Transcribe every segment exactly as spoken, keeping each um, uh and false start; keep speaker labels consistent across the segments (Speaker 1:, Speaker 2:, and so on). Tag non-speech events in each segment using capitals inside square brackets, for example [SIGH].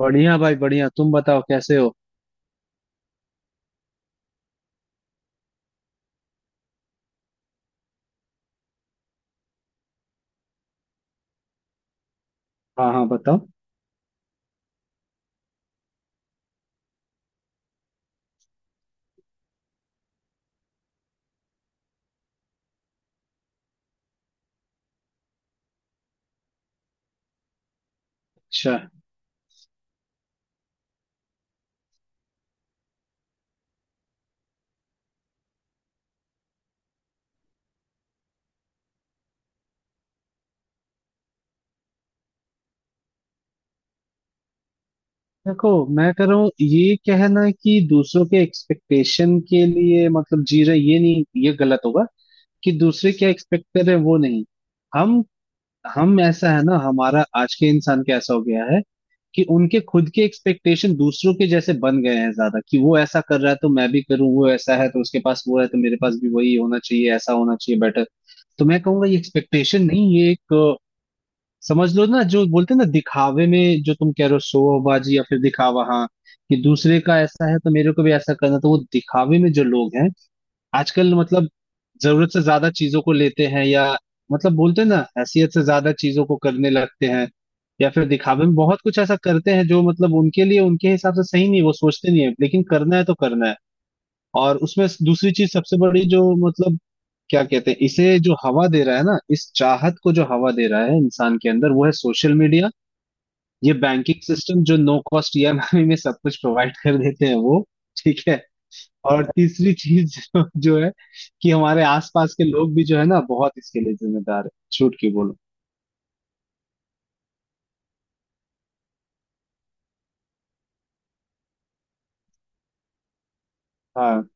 Speaker 1: बढ़िया भाई बढ़िया, तुम बताओ कैसे हो। हाँ हाँ, बताओ। अच्छा। देखो, मैं कह रहा हूँ, ये कहना कि दूसरों के एक्सपेक्टेशन के लिए मतलब जी रहे, ये नहीं, ये गलत होगा कि दूसरे क्या एक्सपेक्ट कर रहे हैं वो नहीं। हम हम ऐसा है ना, हमारा आज के इंसान का ऐसा हो गया है कि उनके खुद के एक्सपेक्टेशन दूसरों के जैसे बन गए हैं ज्यादा, कि वो ऐसा कर रहा है तो मैं भी करूँ, वो ऐसा है तो उसके पास वो है तो मेरे पास भी वही होना चाहिए, ऐसा होना चाहिए बेटर। तो मैं कहूंगा ये एक्सपेक्टेशन नहीं, ये एक समझ लो ना, जो बोलते हैं ना दिखावे में, जो तुम कह रहे हो शोबाजी या फिर दिखावा, हाँ। कि दूसरे का ऐसा है तो मेरे को भी ऐसा करना, तो वो दिखावे में जो लोग हैं आजकल, मतलब जरूरत से ज्यादा चीजों को लेते हैं, या मतलब बोलते हैं ना, हैसियत से ज्यादा चीजों को करने लगते हैं, या फिर दिखावे में बहुत कुछ ऐसा करते हैं जो मतलब उनके लिए उनके हिसाब से सही नहीं, वो सोचते नहीं है, लेकिन करना है तो करना है। और उसमें दूसरी चीज सबसे बड़ी, जो मतलब क्या कहते हैं इसे, जो हवा दे रहा है ना इस चाहत को, जो हवा दे रहा है इंसान के अंदर, वो है सोशल मीडिया। ये बैंकिंग सिस्टम जो नो कॉस्ट ई एम आई [LAUGHS] में सब कुछ प्रोवाइड कर देते हैं वो। ठीक है। और तीसरी चीज [LAUGHS] जो, जो है कि हमारे आसपास के लोग भी जो है ना, बहुत इसके लिए जिम्मेदार है, छूट की बोलो। हाँ।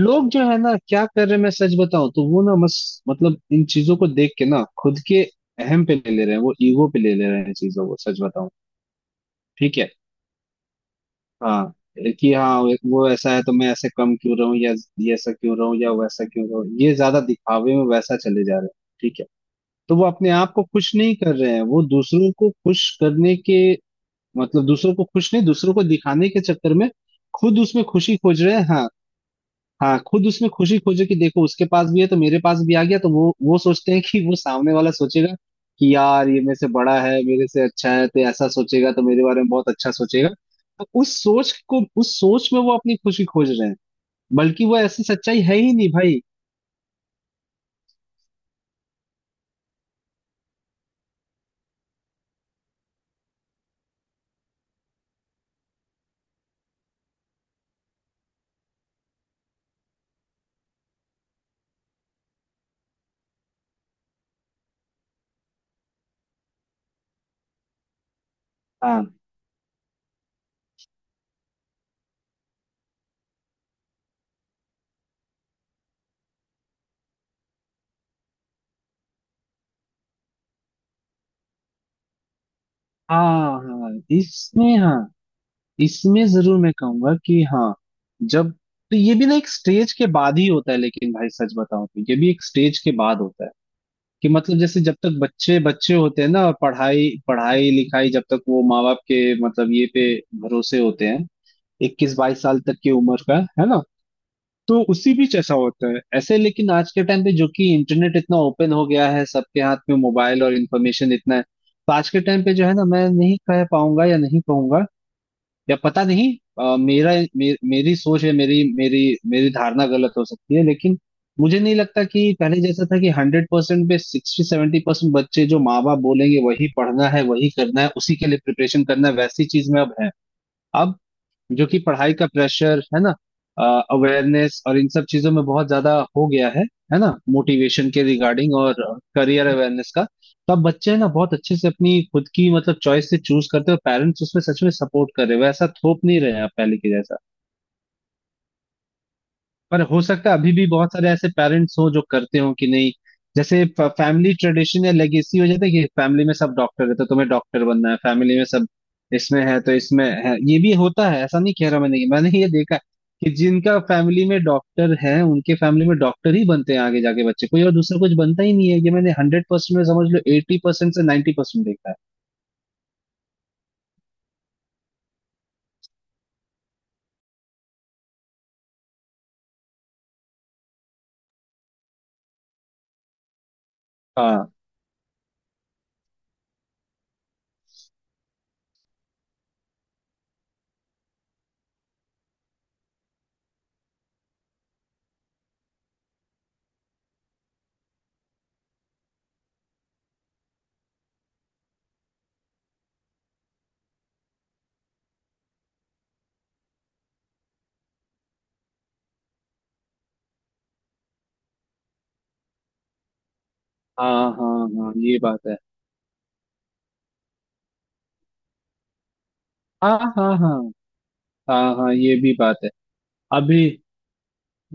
Speaker 1: लोग जो है ना क्या कर रहे हैं, मैं सच बताऊं तो वो ना, बस मतलब इन चीजों को देख के ना, खुद के अहम पे ले ले रहे हैं, वो ईगो पे ले ले रहे हैं चीजों को, सच बताऊं। ठीक है। हाँ, कि हाँ वो ऐसा है तो मैं ऐसे कम क्यों रहूं, या ये ऐसा क्यों रहूं या वैसा क्यों रहूं, ये ज्यादा दिखावे में वैसा चले जा रहे हैं। ठीक है। तो वो अपने आप को खुश नहीं कर रहे हैं, वो दूसरों को खुश करने के मतलब दूसरों को खुश नहीं, दूसरों को दिखाने के चक्कर में खुद उसमें खुशी खोज रहे हैं, हाँ। हाँ, खुद उसमें खुशी खोजे कि देखो उसके पास भी है तो मेरे पास भी आ गया, तो वो वो सोचते हैं कि वो सामने वाला सोचेगा कि यार ये मेरे से बड़ा है, मेरे से अच्छा है, तो ऐसा सोचेगा तो मेरे बारे में बहुत अच्छा सोचेगा, तो उस सोच को, उस सोच में वो अपनी खुशी खोज रहे हैं। बल्कि वो ऐसी सच्चाई है ही नहीं, भाई। हाँ हाँ हाँ इसमें, हाँ। इसमें जरूर मैं कहूंगा कि हाँ। जब तो ये भी ना एक स्टेज के बाद ही होता है, लेकिन भाई सच बताऊं तो ये भी एक स्टेज के बाद होता है। कि मतलब जैसे जब तक बच्चे बच्चे होते हैं ना, पढ़ाई पढ़ाई लिखाई, जब तक वो माँ बाप के मतलब ये पे भरोसे होते हैं, इक्कीस बाईस साल तक की उम्र का है ना। तो उसी बीच ऐसा होता है ऐसे, लेकिन आज के टाइम पे जो कि इंटरनेट इतना ओपन हो गया है, सबके हाथ में मोबाइल और इन्फॉर्मेशन इतना है, तो आज के टाइम पे जो है ना, मैं नहीं कह पाऊंगा या नहीं कहूंगा, या पता नहीं। अ, मेरा, मे, मेरी सोच है, मेरी मेरी मेरी धारणा गलत हो सकती है, लेकिन मुझे नहीं लगता कि पहले जैसा था, कि हंड्रेड परसेंट पे सिक्सटी सेवेंटी परसेंट बच्चे, जो माँ बाप बोलेंगे वही पढ़ना है, वही करना है, उसी के लिए प्रिपरेशन करना है, वैसी चीज में अब है। अब जो कि पढ़ाई का प्रेशर है ना, अवेयरनेस और इन सब चीजों में बहुत ज्यादा हो गया है है ना, मोटिवेशन के रिगार्डिंग और करियर अवेयरनेस का। तो अब बच्चे है ना बहुत अच्छे से अपनी खुद की मतलब चॉइस से चूज करते हैं, और पेरेंट्स उसमें सच में सपोर्ट कर रहे हैं, वैसा थोप नहीं रहे हैं अब पहले के जैसा। पर हो सकता है अभी भी बहुत सारे ऐसे पेरेंट्स हो जो करते हो कि नहीं, जैसे फैमिली ट्रेडिशन या लेगेसी हो जाता है कि फैमिली में सब डॉक्टर है तो तुम्हें डॉक्टर बनना है, फैमिली में सब, इसमें है तो इसमें है, ये भी होता है, ऐसा नहीं कह रहा, मैंने मैंने ये देखा है कि जिनका फैमिली में डॉक्टर है उनके फैमिली में डॉक्टर ही बनते हैं आगे जाके, बच्चे कोई और दूसरा कुछ बनता ही नहीं है, ये मैंने हंड्रेड परसेंट में समझ लो एटी परसेंट से नाइन्टी परसेंट देखा है। हाँ हाँ हाँ हाँ, ये बात है। हाँ हाँ हाँ हाँ हाँ, ये भी बात है। अभी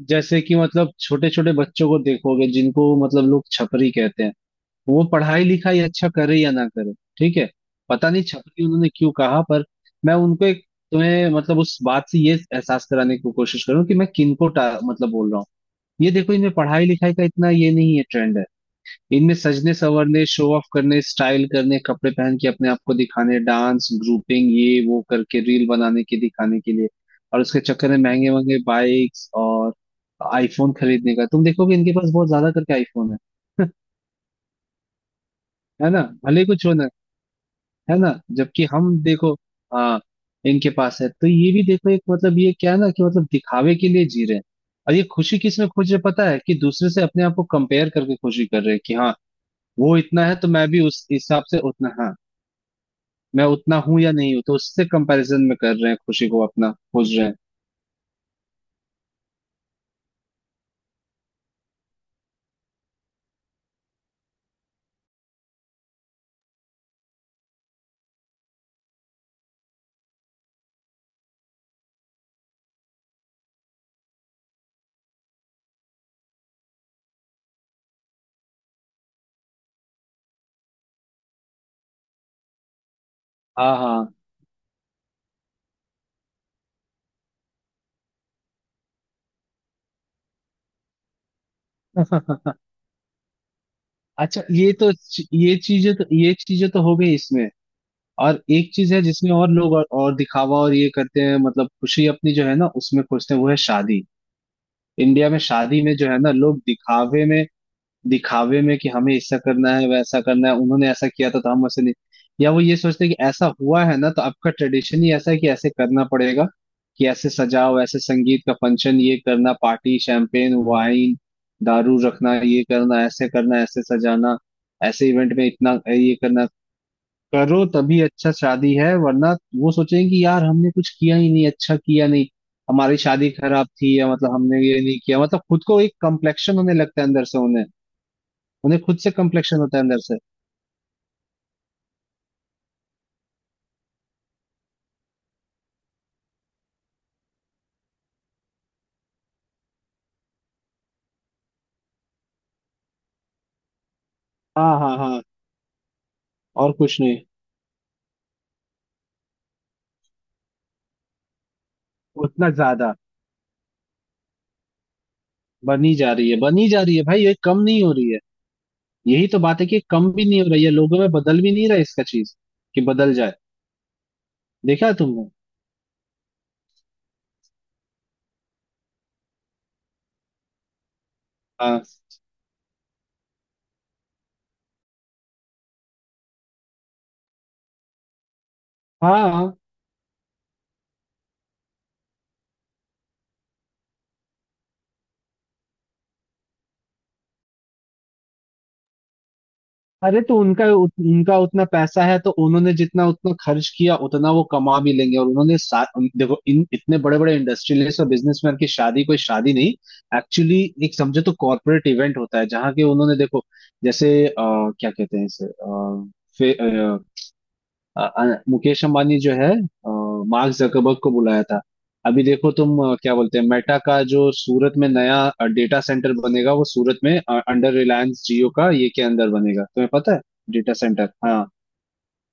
Speaker 1: जैसे कि मतलब छोटे छोटे बच्चों को देखोगे जिनको मतलब लोग छपरी कहते हैं, वो पढ़ाई लिखाई अच्छा करे या ना करे, ठीक है। पता नहीं छपरी उन्होंने क्यों कहा, पर मैं उनको एक, तुम्हें मतलब उस बात से ये एहसास कराने की कोशिश करूँ कि मैं किनको टा- मतलब बोल रहा हूँ। ये देखो, इनमें पढ़ाई लिखाई का इतना ये नहीं है, ट्रेंड है इनमें सजने संवरने शो ऑफ करने स्टाइल करने कपड़े पहन के अपने आप को दिखाने, डांस ग्रुपिंग ये वो करके रील बनाने के, दिखाने के लिए। और उसके चक्कर में महंगे महंगे बाइक्स और आईफोन खरीदने का, तुम देखोगे इनके पास बहुत ज्यादा करके आईफोन है [LAUGHS] है ना, भले ही कुछ होना। है ना, जबकि हम देखो, हाँ, इनके पास है तो ये भी देखो एक मतलब, ये क्या है ना, कि मतलब दिखावे के लिए जी रहे हैं, और ये खुशी किस में खोज रहे हैं पता है, कि दूसरे से अपने आप को कंपेयर करके खुशी कर रहे हैं, कि हाँ वो इतना है तो मैं भी उस हिसाब से उतना, हाँ, मैं उतना हूं या नहीं हूं, तो उससे कंपैरिजन में कर रहे हैं, खुशी को अपना खोज रहे हैं। हाँ हाँ [LAUGHS] अच्छा। ये तो, ये चीजें तो ये चीजें तो हो गई इसमें, और एक चीज है जिसमें और लोग और, और दिखावा और ये करते हैं, मतलब खुशी अपनी जो है ना उसमें खोजते हैं, वो है शादी। इंडिया में शादी में जो है ना लोग दिखावे में, दिखावे में कि हमें ऐसा करना है वैसा करना है, उन्होंने ऐसा किया था तो हम वैसे नहीं, या वो ये सोचते हैं कि ऐसा हुआ है ना, तो आपका ट्रेडिशन ही ऐसा है कि ऐसे करना पड़ेगा, कि ऐसे सजाओ, ऐसे संगीत का फंक्शन, ये करना, पार्टी, शैंपेन वाइन दारू रखना, ये करना, ऐसे करना, ऐसे सजाना, ऐसे इवेंट में इतना ये करना, करो तभी अच्छा शादी है, वरना वो सोचेंगे कि यार हमने कुछ किया ही नहीं, अच्छा किया नहीं, हमारी शादी खराब थी, या मतलब हमने ये नहीं किया, मतलब खुद को एक कम्प्लेक्शन होने लगता है अंदर से उन्हें। उन्हें खुद से कम्प्लेक्शन होता है अंदर से। हाँ हाँ हाँ, और कुछ नहीं। उतना ज्यादा, बनी जा रही है बनी जा रही है, भाई ये कम नहीं हो रही है। यही तो बात है कि कम भी नहीं हो रही है, लोगों में बदल भी नहीं रहा है इसका चीज, कि बदल जाए। देखा है तुमने। हाँ हाँ हाँ। अरे, तो उनका उत, उनका उतना पैसा है, तो उन्होंने जितना उतना खर्च किया उतना वो कमा भी लेंगे, और उन्होंने सा- उन- देखो, इन इतने बड़े बड़े इंडस्ट्रियलिस्ट और बिजनेसमैन की शादी कोई शादी नहीं, एक्चुअली एक समझो तो कॉर्पोरेट इवेंट होता है, जहाँ के उन्होंने देखो, जैसे अ, क्या कहते हैं इसे, अ, अ, मुकेश अंबानी जो है, अ, मार्क जकरबर्ग को बुलाया था। अभी देखो तुम, अ, क्या बोलते हैं, मेटा का जो सूरत में नया अ, डेटा सेंटर बनेगा, वो सूरत में अ, अंडर रिलायंस जियो का ये के अंदर बनेगा, तुम्हें पता है। डेटा सेंटर, हाँ।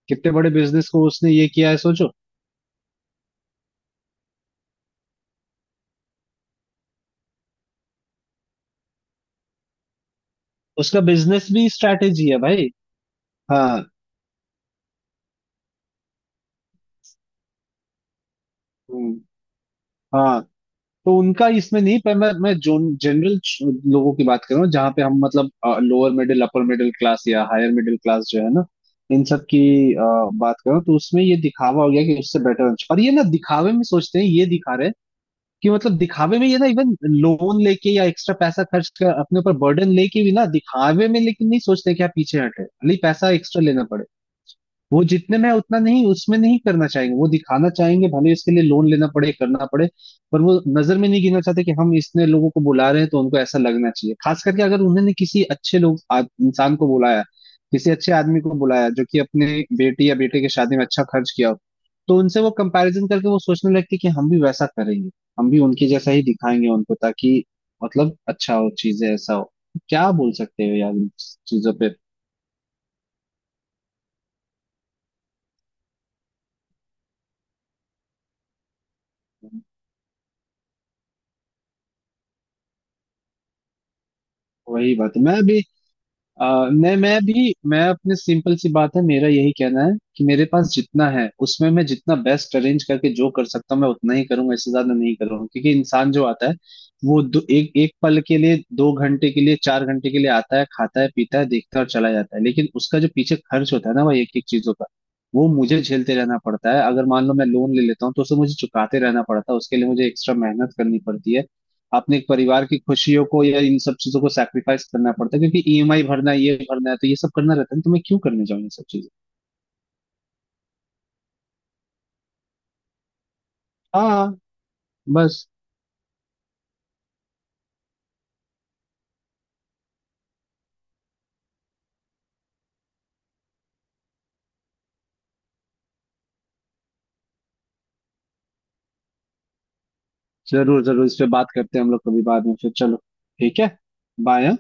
Speaker 1: कितने बड़े बिजनेस को उसने ये किया है, सोचो। उसका बिजनेस भी स्ट्रैटेजी है, भाई। हाँ। हम्म, हाँ, तो उनका इसमें नहीं, पर मैं मैं जोन जनरल लोगों की बात कर रहा हूँ, जहाँ पे हम मतलब lower middle upper middle class या हायर मिडिल क्लास जो है ना, इन सब की अ, बात कर रहा हूँ। तो उसमें ये दिखावा हो गया कि उससे बेटर, और ये ना दिखावे में सोचते हैं, ये दिखा रहे हैं कि मतलब दिखावे में ये ना इवन लोन लेके या एक्स्ट्रा पैसा खर्च कर अपने ऊपर बर्डन लेके भी ना दिखावे में, लेकिन नहीं सोचते कि आप पीछे हटे, भले ही पैसा एक्स्ट्रा लेना पड़े। वो जितने में है उतना नहीं, उसमें नहीं करना चाहेंगे, वो दिखाना चाहेंगे, भले इसके लिए लोन लेना पड़े, करना पड़े। पर वो नजर में नहीं गिनना चाहते कि हम इतने लोगों को बुला रहे हैं, तो उनको ऐसा लगना चाहिए, खास करके अगर उन्होंने किसी अच्छे लोग आद- इंसान को बुलाया, किसी अच्छे आदमी को बुलाया जो कि अपने बेटी या बेटे की शादी में अच्छा खर्च किया हो, तो उनसे वो कंपैरिजन करके वो सोचने लगते कि हम भी वैसा करेंगे, हम भी उनके जैसा ही दिखाएंगे उनको, ताकि मतलब अच्छा हो, चीजें ऐसा हो, क्या बोल सकते हो यार इन चीजों पे। वही बात है। मैं भी, अ, नहीं, मैं भी, मैं अपने सिंपल सी बात है, मेरा यही कहना है कि मेरे पास जितना है उसमें मैं जितना बेस्ट अरेंज करके जो कर सकता हूँ मैं उतना ही करूंगा, इससे ज्यादा नहीं करूंगा, क्योंकि इंसान जो आता है वो दो, एक एक पल के लिए, दो घंटे के लिए, चार घंटे के लिए आता है, खाता है पीता है देखता है और चला जाता है, लेकिन उसका जो पीछे खर्च होता है ना भाई एक एक चीजों का, वो मुझे झेलते रहना पड़ता है, अगर मान लो मैं लोन ले लेता हूँ तो उसे मुझे चुकाते रहना पड़ता है, उसके लिए मुझे एक्स्ट्रा मेहनत करनी पड़ती है, अपने परिवार की खुशियों को या इन सब चीजों को सैक्रिफाइस करना पड़ता है, क्योंकि ई एम आई भरना है, ये भरना है, तो ये सब करना रहता है, तो मैं क्यों करने जाऊँ ये सब चीजें। हाँ, बस। जरूर जरूर, इस पे बात करते हैं हम लोग कभी बाद में, फिर चलो, ठीक है, बाय।